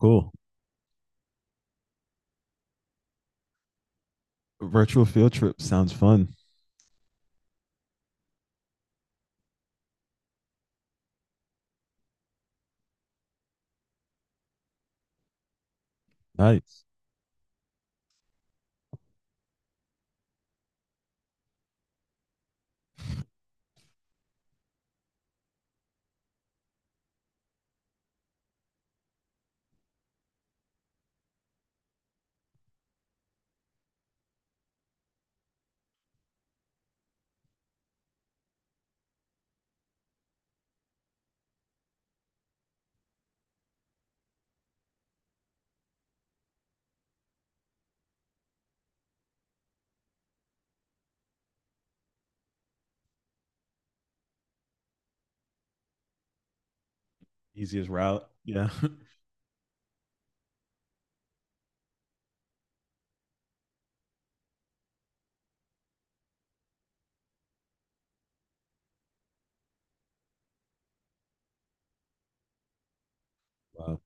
Cool. Virtual field trip sounds fun. Nice. Easiest route. Yeah. Wow.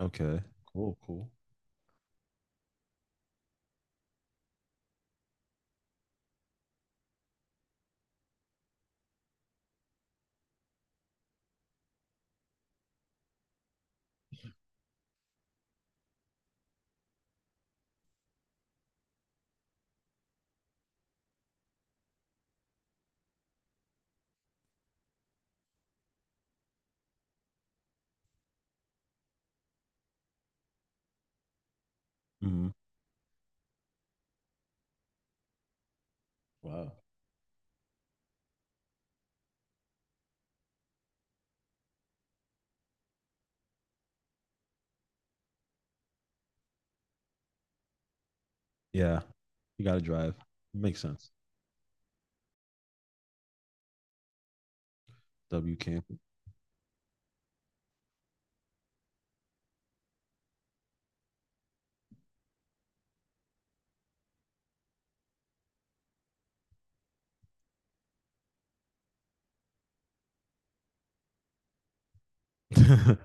Okay. Cool. Cool. Hmm. Wow. Yeah. You got to drive. Makes sense. W camp. I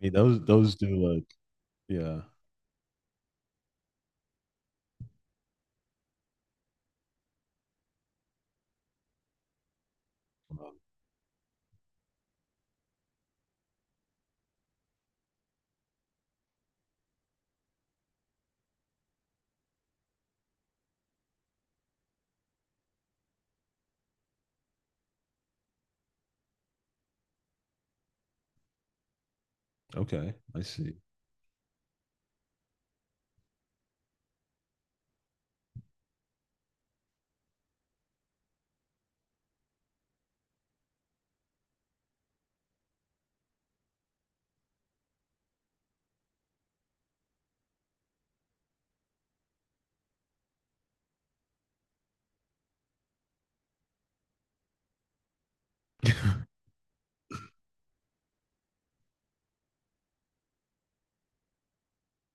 mean, those do like. Yeah. Wow. Okay. I see.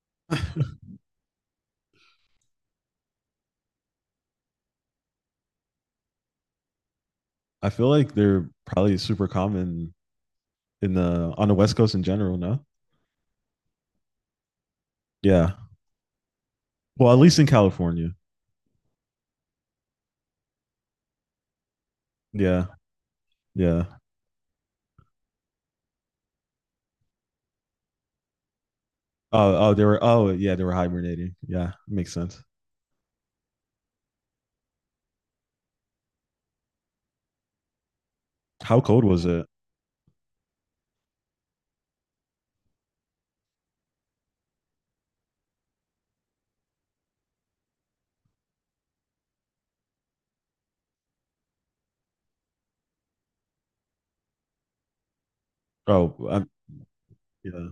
I feel like they're probably super common in the on the West Coast in general. No. Yeah. Well, at least in California. Yeah. Yeah. Oh. Oh. They were. Oh. Yeah. They were hibernating. Yeah. Makes sense. How cold was it? Oh, I yeah.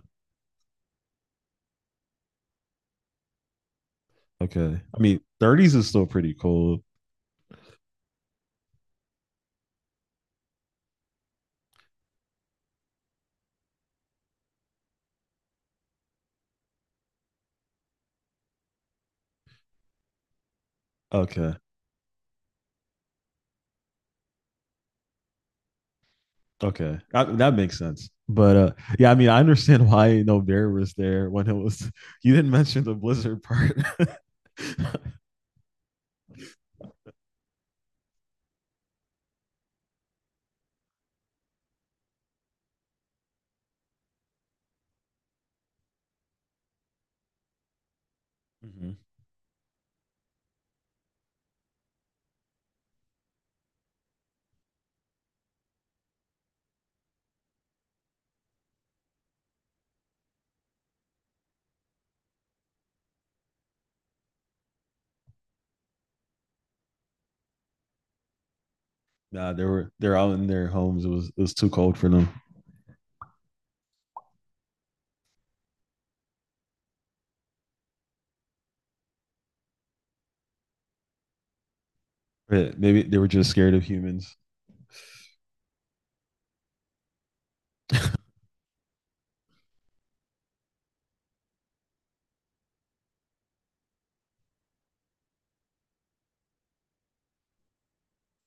Okay. I mean, 30s is still pretty cold. Okay. Okay. That makes sense. But yeah, I mean, I understand, why you no know, bear was there when it was. You didn't mention the blizzard part. Hmm. Nah, they're out in their homes. It was too cold for them. Yeah, maybe they were just scared of humans.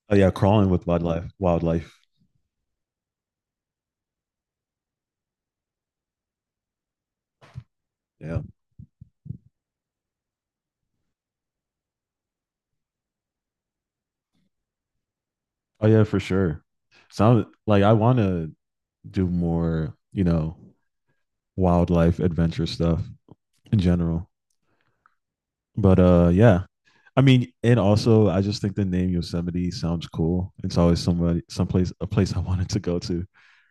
Oh yeah, crawling with wildlife. Wildlife. Yeah. Oh yeah, for sure. Sound like I want to do more, wildlife adventure stuff in general. But yeah. I mean, and also I just think the name Yosemite sounds cool. It's always somebody, someplace, a place I wanted to go to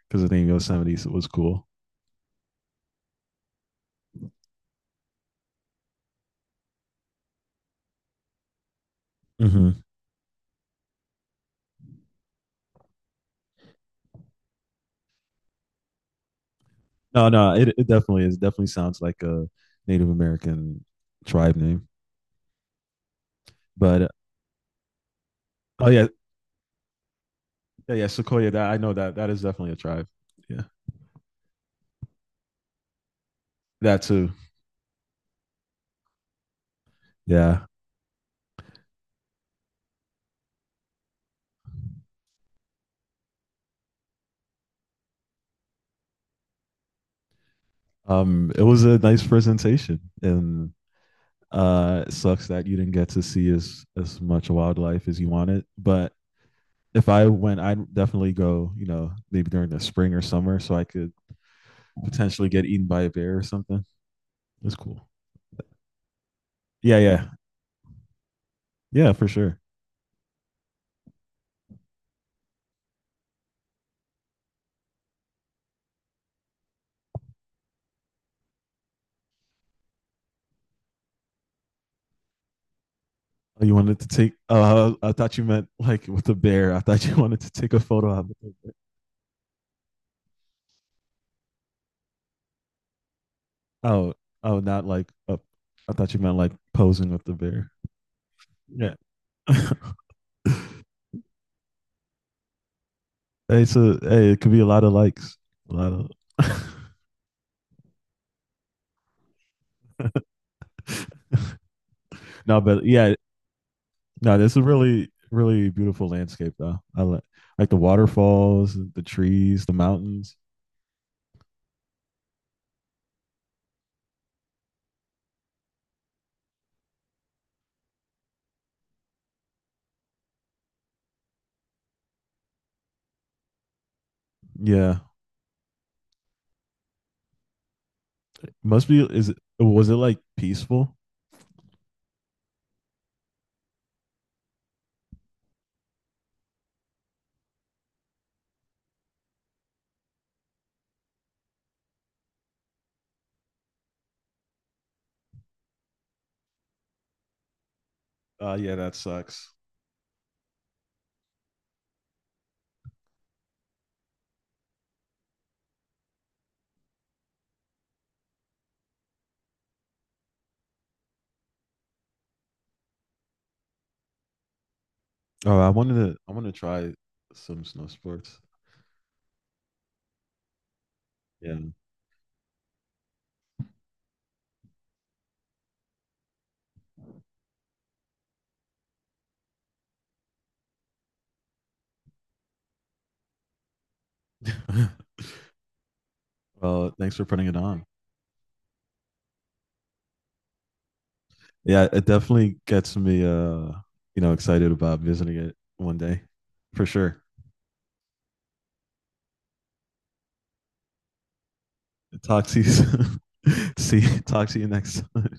because the name Yosemite was cool. Hmm. No, no, it definitely is. Definitely sounds like a Native American tribe name. But oh yeah, yeah, yeah, Sequoia. That I know that that is definitely a tribe. Yeah, that too. Yeah. It was a nice presentation, and it sucks that you didn't get to see as much wildlife as you wanted. But if I went, I'd definitely go. You know, maybe during the spring or summer, so I could potentially get eaten by a bear or something. It's cool. Yeah, yeah, yeah, for sure. Oh, you wanted to take. I thought you meant like with the bear. I thought you wanted to take a photo of it. Oh, oh, not like up. I thought you meant like posing with the bear. Yeah. Hey, it could be a lot of likes. A lot of. No, but yeah, no, this is really really beautiful landscape though. I like the waterfalls, the trees, the mountains. Yeah. Must be is it, was it like peaceful? Yeah, that sucks. Oh, I want to try some snow sports. Yeah. Well, thanks for putting it on. Yeah, it definitely gets me, excited about visiting it one day, for sure. Talk to you soon. See, talk to you next time.